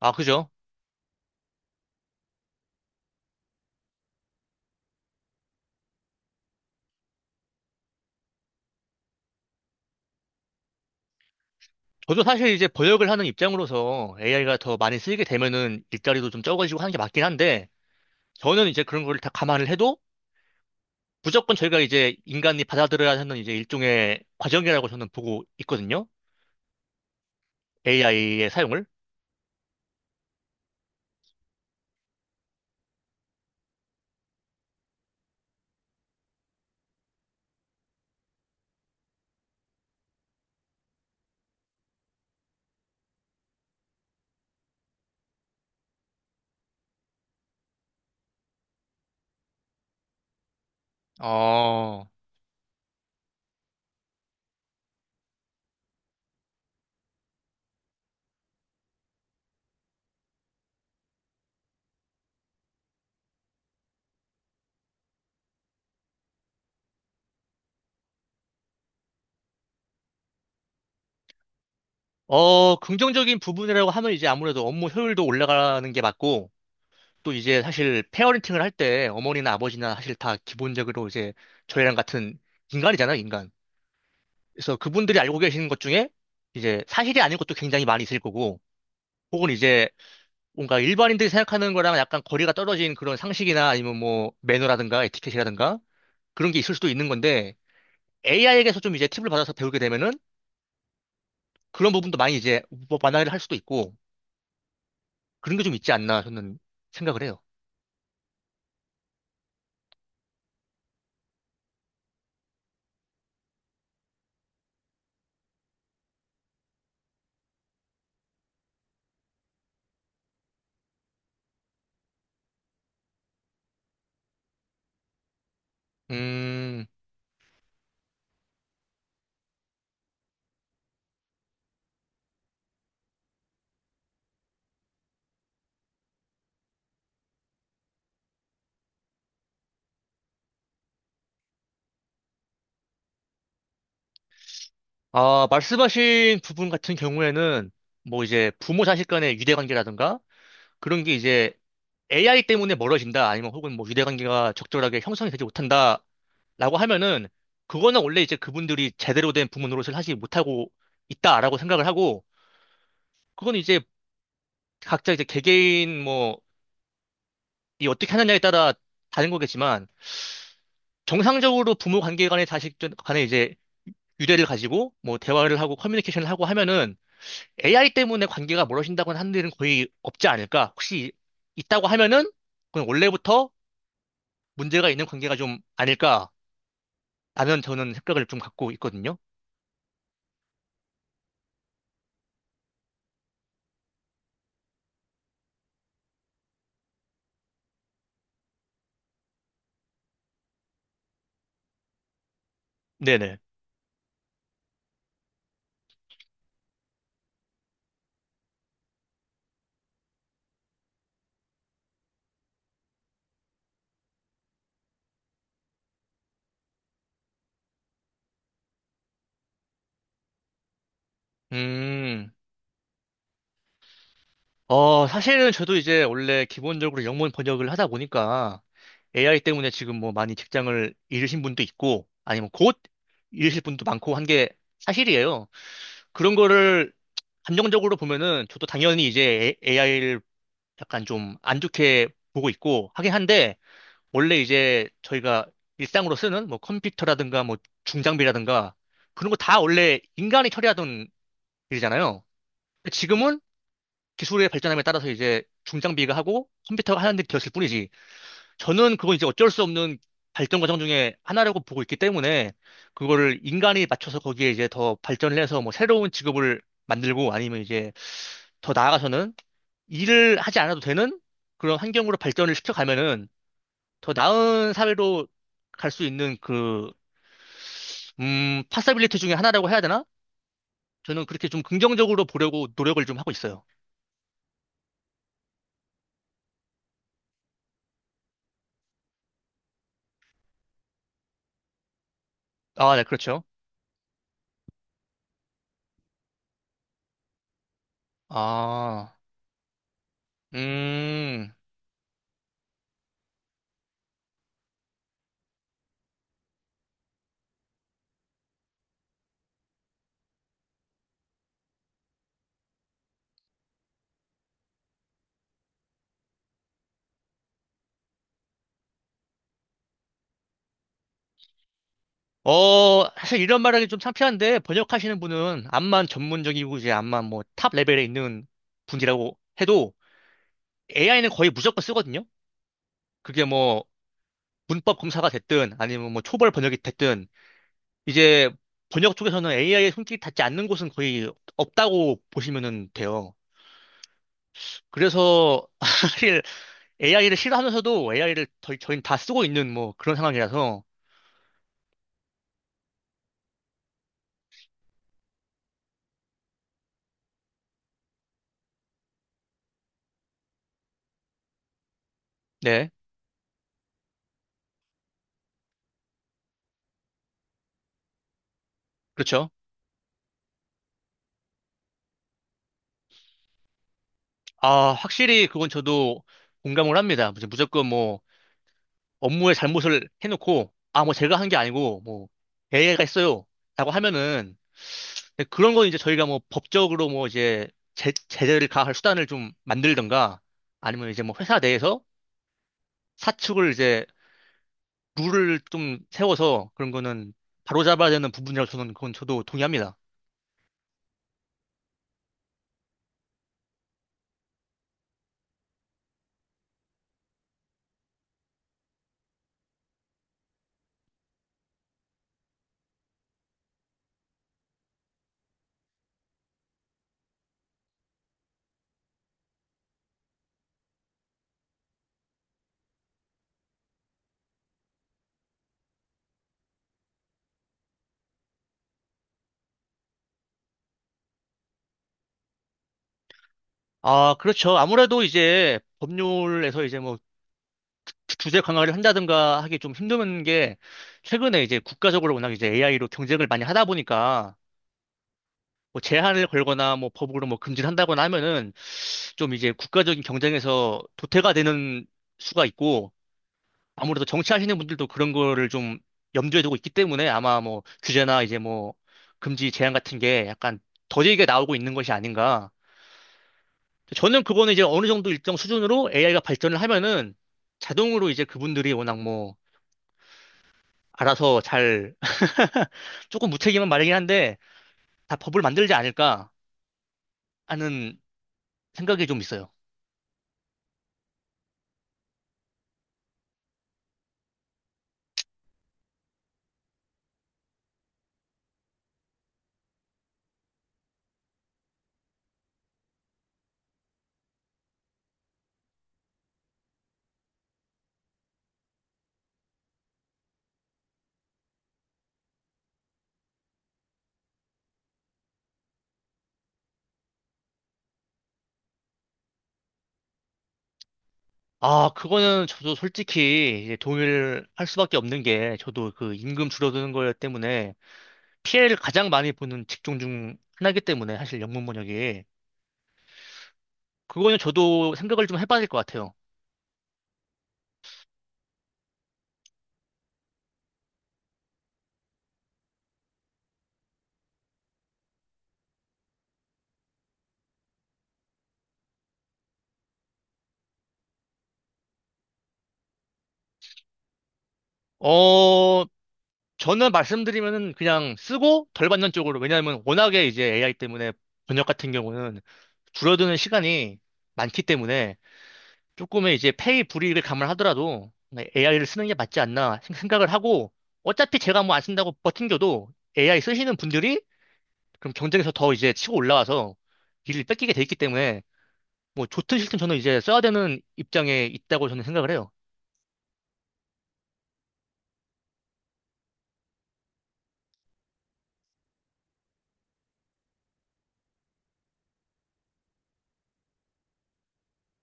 아, 그죠? 저도 사실 이제 번역을 하는 입장으로서 AI가 더 많이 쓰이게 되면은 일자리도 좀 적어지고 하는 게 맞긴 한데, 저는 이제 그런 걸 다 감안을 해도 무조건 저희가 이제 인간이 받아들여야 하는 이제 일종의 과정이라고 저는 보고 있거든요. AI의 사용을. 어, 긍정적인 부분이라고 하면 이제 아무래도 업무 효율도 올라가는 게 맞고, 또 이제 사실 페어린팅을 할 때 어머니나 아버지나 사실 다 기본적으로 이제 저희랑 같은 인간이잖아요, 인간. 그래서 그분들이 알고 계시는 것 중에 이제 사실이 아닌 것도 굉장히 많이 있을 거고, 혹은 이제 뭔가 일반인들이 생각하는 거랑 약간 거리가 떨어진 그런 상식이나 아니면 뭐 매너라든가 에티켓이라든가 그런 게 있을 수도 있는 건데, AI에게서 좀 이제 팁을 받아서 배우게 되면은 그런 부분도 많이 이제 뭐 완화를 할 수도 있고, 그런 게 좀 있지 않나 저는 생각을 해요. 음, 아, 말씀하신 부분 같은 경우에는 뭐 이제 부모 자식 간의 유대 관계라든가 그런 게 이제 AI 때문에 멀어진다, 아니면 혹은 뭐 유대관계가 적절하게 형성이 되지 못한다라고 하면은, 그거는 원래 이제 그분들이 제대로 된 부모 노릇을 하지 못하고 있다라고 생각을 하고, 그건 이제 각자 이제 개개인 뭐, 이 어떻게 하느냐에 따라 다른 거겠지만, 정상적으로 부모 관계 간의 자식 간에 이제 유대를 가지고 뭐 대화를 하고 커뮤니케이션을 하고 하면은 AI 때문에 관계가 멀어진다고는 하는 일은 거의 없지 않을까? 혹시 있다고 하면은, 그건 원래부터 문제가 있는 관계가 좀 아닐까? 라면 저는 생각을 좀 갖고 있거든요. 네네. 음, 사실은 저도 이제 원래 기본적으로 영문 번역을 하다 보니까 AI 때문에 지금 뭐 많이 직장을 잃으신 분도 있고 아니면 곧 잃으실 분도 많고 한 게 사실이에요. 그런 거를 감정적으로 보면은 저도 당연히 이제 AI를 약간 좀 안 좋게 보고 있고 하긴 한데 원래 이제 저희가 일상으로 쓰는 뭐 컴퓨터라든가 뭐 중장비라든가 그런 거 다 원래 인간이 처리하던 일이잖아요. 근데 지금은 기술의 발전함에 따라서 이제 중장비가 하고 컴퓨터가 하는 일이 되었을 뿐이지. 저는 그건 이제 어쩔 수 없는 발전 과정 중에 하나라고 보고 있기 때문에 그거를 인간이 맞춰서 거기에 이제 더 발전을 해서 뭐 새로운 직업을 만들고 아니면 이제 더 나아가서는 일을 하지 않아도 되는 그런 환경으로 발전을 시켜가면은 더 나은 사회로 갈 수 있는 그, 파서빌리티 중에 하나라고 해야 되나? 저는 그렇게 좀 긍정적으로 보려고 노력을 좀 하고 있어요. 아, 네, 그렇죠. 아, 음, 사실 이런 말하기 좀 창피한데, 번역하시는 분은 암만 전문적이고, 이제 암만 뭐 탑 레벨에 있는 분이라고 해도 AI는 거의 무조건 쓰거든요? 그게 뭐 문법 검사가 됐든, 아니면 뭐 초벌 번역이 됐든, 이제 번역 쪽에서는 AI의 손길이 닿지 않는 곳은 거의 없다고 보시면 돼요. 그래서 사실 AI를 싫어하면서도 AI를 저희, 저희는 다 쓰고 있는 뭐 그런 상황이라서, 네, 그렇죠. 아, 확실히 그건 저도 공감을 합니다. 무조건 뭐 업무에 잘못을 해놓고 아, 뭐 제가 한 게 아니고 뭐 AI가 했어요. 라고 하면은 근데 그런 건 이제 저희가 뭐 법적으로 뭐 이제 제재를 가할 수단을 좀 만들던가 아니면 이제 뭐 회사 내에서 사측을 이제 룰을 좀 세워서 그런 거는 바로잡아야 되는 부분이라고 저는 그건 저도 동의합니다. 아, 그렇죠. 아무래도 이제 법률에서 이제 뭐 주제 강화를 한다든가 하기 좀 힘든 게 최근에 이제 국가적으로 워낙 이제 AI로 경쟁을 많이 하다 보니까 뭐 제한을 걸거나 뭐 법으로 뭐 금지를 한다거나 하면은 좀 이제 국가적인 경쟁에서 도태가 되는 수가 있고 아무래도 정치하시는 분들도 그런 거를 좀 염두에 두고 있기 때문에 아마 뭐 규제나 이제 뭐 금지 제한 같은 게 약간 더디게 나오고 있는 것이 아닌가. 저는 그거는 이제 어느 정도 일정 수준으로 AI가 발전을 하면은 자동으로 이제 그분들이 워낙 뭐 알아서 잘 조금 무책임한 말이긴 한데 다 법을 만들지 않을까 하는 생각이 좀 있어요. 아, 그거는 저도 솔직히 이제 동의를 할 수밖에 없는 게 저도 그 임금 줄어드는 거 때문에 피해를 가장 많이 보는 직종 중 하나이기 때문에 사실 영문 번역이 그거는 저도 생각을 좀 해봐야 될 것 같아요. 어, 저는 말씀드리면은 그냥 쓰고 덜 받는 쪽으로 왜냐하면 워낙에 이제 AI 때문에 번역 같은 경우는 줄어드는 시간이 많기 때문에 조금의 이제 페이 불이익을 감안하더라도 AI를 쓰는 게 맞지 않나 생각을 하고 어차피 제가 뭐 안 쓴다고 버팅겨도 AI 쓰시는 분들이 그럼 경쟁에서 더 이제 치고 올라와서 일을 뺏기게 돼 있기 때문에 뭐 좋든 싫든 저는 이제 써야 되는 입장에 있다고 저는 생각을 해요.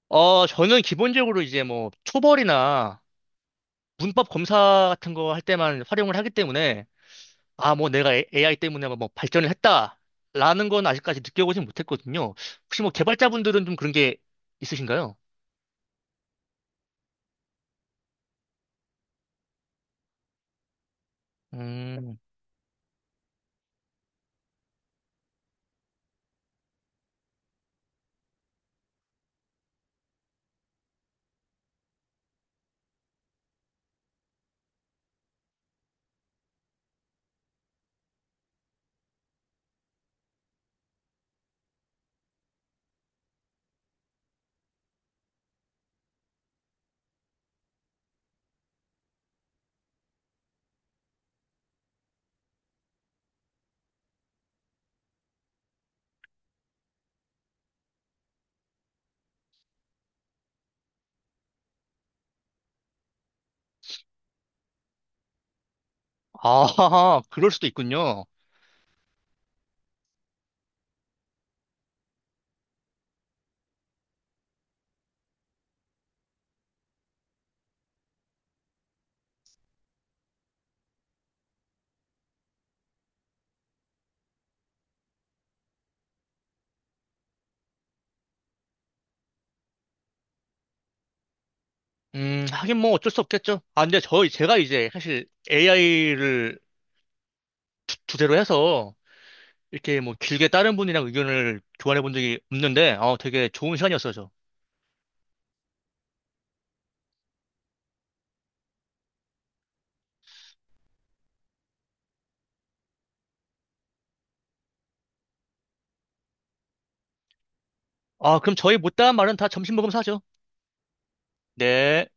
어, 저는 기본적으로 이제 뭐 초벌이나 문법 검사 같은 거 할 때만 활용을 하기 때문에 아, 뭐 내가 AI 때문에 뭐 발전을 했다라는 건 아직까지 느껴보진 못했거든요. 혹시 뭐 개발자분들은 좀 그런 게 있으신가요? 음, 아, 그럴 수도 있군요. 하긴 뭐 어쩔 수 없겠죠. 아, 근데 저희, 제가 이제 사실 AI를 주제로 해서 이렇게 뭐 길게 다른 분이랑 의견을 교환해 본 적이 없는데, 어, 되게 좋은 시간이었어요, 저. 아, 그럼 저희 못다한 말은 다 점심 먹으면서 하죠. 네.